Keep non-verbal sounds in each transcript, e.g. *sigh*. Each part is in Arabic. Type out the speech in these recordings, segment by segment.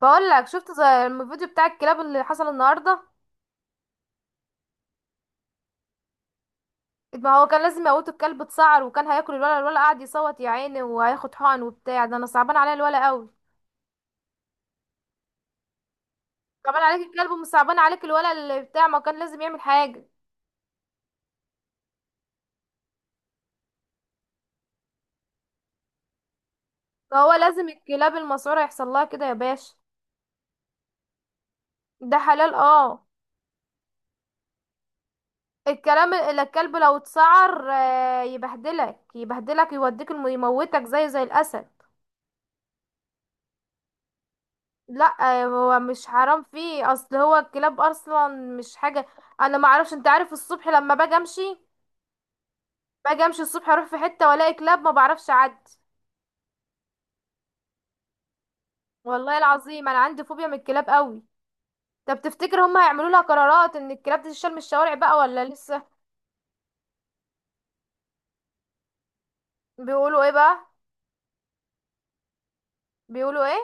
بقول لك شفت زي الفيديو بتاع الكلاب اللي حصل النهارده. ما هو كان لازم يموتوا الكلب اتسعر وكان هياكل الولا قاعد يصوت يا عيني وهياخد حقن وبتاع ده، انا صعبان عليا الولا قوي. صعبان عليك الكلب ومش صعبان عليك الولا اللي بتاع، ما كان لازم يعمل حاجه. فهو لازم الكلاب المسعوره يحصل لها كده يا باشا. ده حلال اه. الكلام اللي الكلب لو اتسعر يبهدلك يبهدلك يوديك يموتك زي الاسد. لا هو مش حرام فيه اصل، هو الكلاب اصلا مش حاجه. انا ما اعرفش، انت عارف الصبح لما باجي امشي، الصبح اروح في حته والاقي كلاب ما بعرفش اعدي. والله العظيم انا عندي فوبيا من الكلاب قوي. طب تفتكر هم هيعملوا لها قرارات ان الكلاب دي تشال من الشوارع بقى ولا لسه؟ بيقولوا ايه بقى؟ بيقولوا ايه؟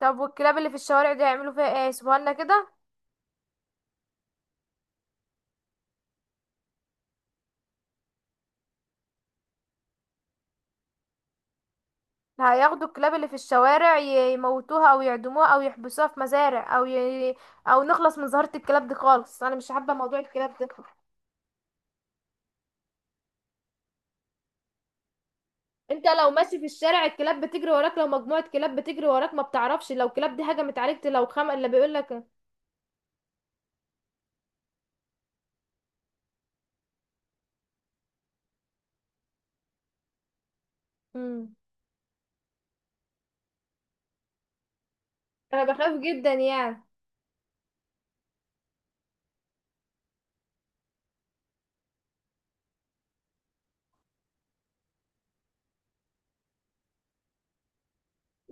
طب والكلاب اللي في الشوارع دي هيعملوا فيها ايه، سيبوها كده؟ هياخدوا الكلاب اللي في الشوارع يموتوها او يعدموها او يحبسوها في مزارع او نخلص من ظاهرة الكلاب دي خالص، انا مش حابة موضوع الكلاب ده. انت لو ماشي في الشارع الكلاب بتجري وراك، لو مجموعة كلاب بتجري وراك ما بتعرفش لو كلاب دي هجمت عليك، لو خم اللي بيقول لك. امم. انا بخاف جدا يعني.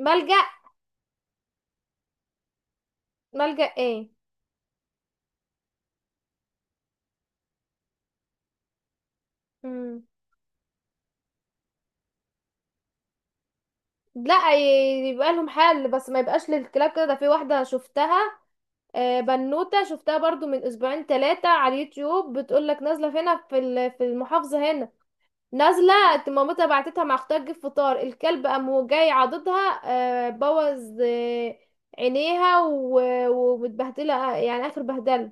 ملجأ. ملجأ ايه؟ امم. لا، يبقى لهم حل بس ما يبقاش للكلاب كده، ده في واحدة شفتها. بنوتة شفتها برضو من اسبوعين ثلاثة على اليوتيوب، بتقول لك نازلة هنا في في المحافظة هنا. نازله. مامتها بعتتها مع اختها تجيب فطار، الكلب قام جاي عضدها. بوظ عينيها ومتبهدله يعني اخر بهدله.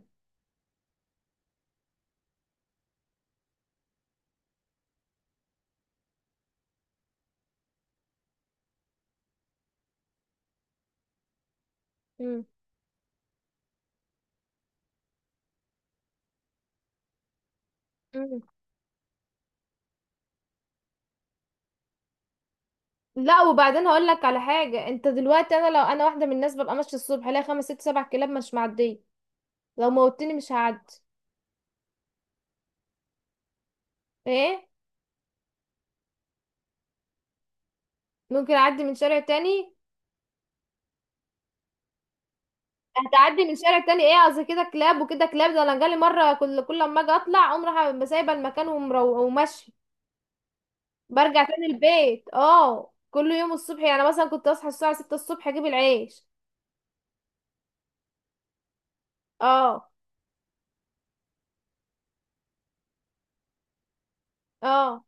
مم. مم. لا، وبعدين هقول لك على حاجه، انت دلوقتي انا لو انا واحده من الناس ببقى ماشيه الصبح الاقي خمس ست سبع كلاب مش معديه. لو موتني مش هعدي. ايه. ممكن اعدي من شارع تاني. هتعدي من شارع تاني، ايه قصدي كده كلاب وكده كلاب، ده انا جالي مره كل لما اجي اطلع اقوم رايحه سايبه المكان وماشيه. برجع تاني البيت اه، كل يوم الصبح يعني مثلا كنت اصحى الساعة 6 الصبح اجيب العيش. اه، اه،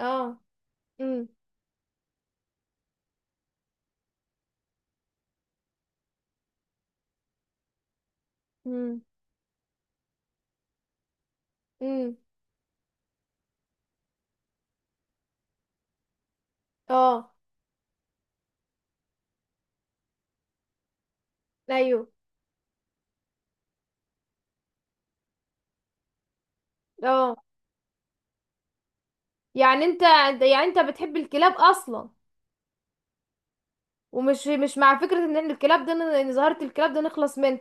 اه. امم، امم، امم. اه. ايوه. اه. يعني انت يعني انت بتحب الكلاب اصلا. ومش مش مع فكرة ان إحنا الكلاب ده، ان ظاهرة الكلاب ده نخلص منه.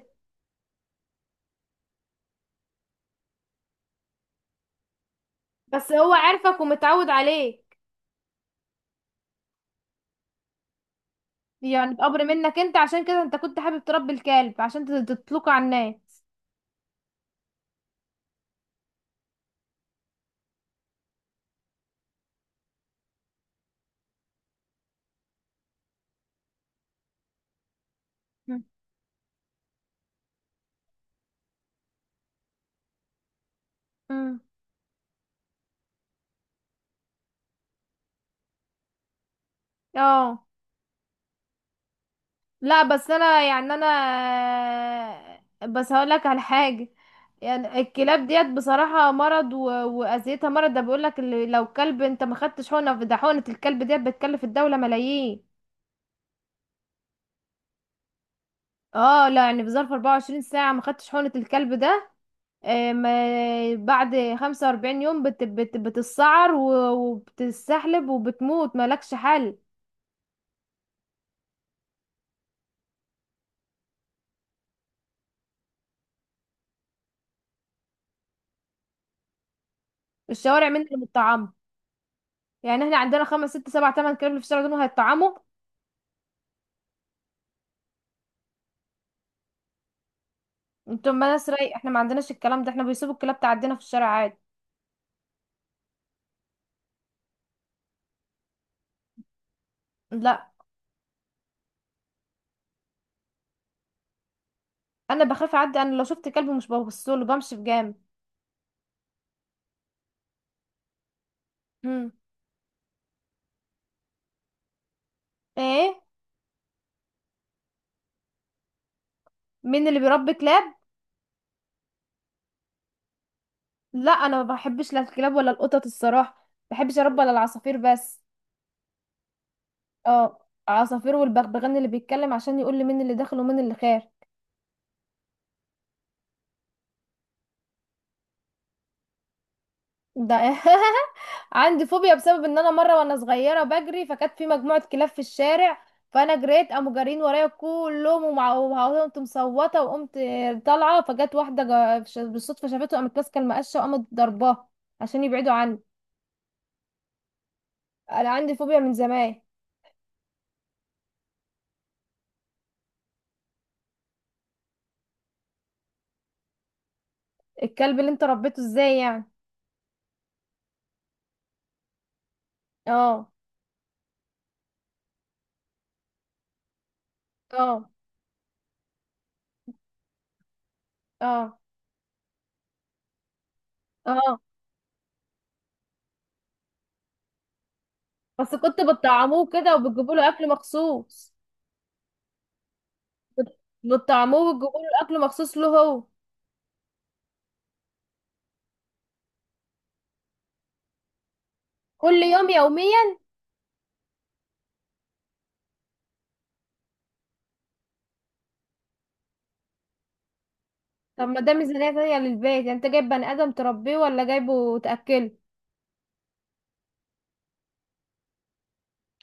بس هو عارفك ومتعود عليك. يعني بأمر منك انت، عشان كده انت كنت حابب تربي الكلب عشان تطلقه على الناس. مم. مم. اه. لا بس انا يعني انا. بس هقول لك على حاجه. يعني الكلاب ديت بصراحه مرض واذيتها مرض، ده بيقول لك اللي لو كلب انت ما خدتش حقنه، ده حقنه الكلب ديت بتكلف الدوله ملايين. اه لا، يعني في ظرف 24 ساعه ما خدتش حقنه الكلب ده. ما بعد 45 يوم بتتسعر وبتستحلب وبتموت مالكش حل. الشوارع مين اللي متطعمه؟ يعني احنا عندنا خمس ست سبع تمن كلاب اللي في الشارع دول هيتطعموا. انتوا ناس رايق، احنا ما عندناش الكلام ده، احنا بيسيبوا الكلاب تعدينا في الشارع عادي. لا انا بخاف اعدي، انا لو شفت كلب مش ببصله بمشي بجامد. هم. ايه. مين اللي بيربي كلاب؟ لا انا ما بحبش لا الكلاب ولا القطط، الصراحه ما بحبش اربي الا العصافير بس. اه، عصافير والبغبغان اللي بيتكلم عشان يقول لي مين اللي داخل ومين اللي خارج. ده *laughs* عندي فوبيا بسبب ان انا مره وانا صغيره بجري، فكانت في مجموعه كلاب في الشارع، فانا جريت قاموا جارين ورايا كلهم، وقمت مصوته وقمت طالعه، فجت واحده بالصدفه شافته، قامت ماسكه المقشه وقامت ضرباه عشان يبعدوا عني. انا عندي فوبيا من زمان. الكلب اللي انت ربيته ازاي يعني؟ اه. اه. اه. اه. بس كنت بتطعموه كده وبتجيبوا له اكل مخصوص؟ بتطعموه وبتجيبوا له اكل مخصوص له هو. كل يوم يوميا. طب ما ده ميزانية تانية للبيت، يعني انت جايب بني ادم تربيه ولا جايبه تأكله؟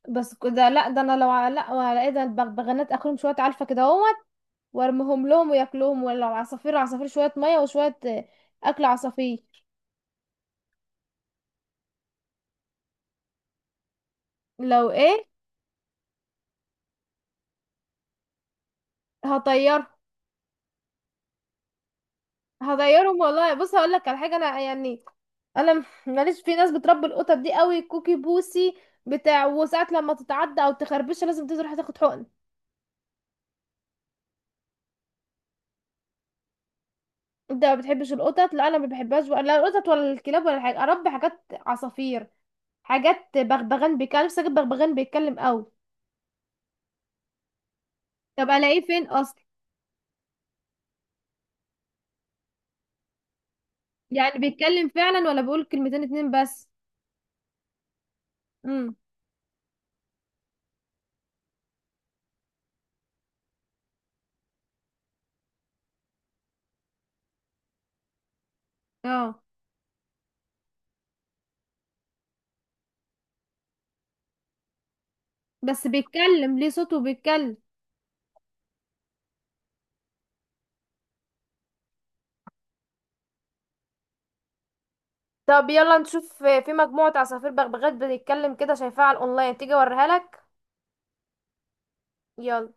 بس كده لا، ده انا لو على لا وعلى ايه، ده البغبغانات اكلهم شوية علفة كده اهوت وارميهم لهم وياكلوهم، ولو عصافير، عصافير شوية مية وشوية اكل عصافير. لو ايه؟ هطير. هطيرهم والله، بص هقول لك على حاجة انا يعني. انا ماليش في ناس بتربي القطط دي قوي، كوكي بوسي بتاع، وساعات لما تتعدى او تخربشها لازم تروح تاخد حقن. انت ما بتحبش القطط؟ لا انا ما بحبهاش ولا القطط ولا الكلاب ولا حاجه، اربي حاجات عصافير، حاجات بغبغان بيتكلم، بس أكيد بغبغان بيتكلم قوي. طب الاقيه فين اصلا؟ يعني بيتكلم فعلا ولا بيقول كلمتين اتنين بس؟ امم. اه. بس بيتكلم ليه صوته بيتكلم؟ طب يلا نشوف في مجموعة عصافير بغبغات بتتكلم كده شايفاها على الأونلاين تيجي أوريها لك. يلا.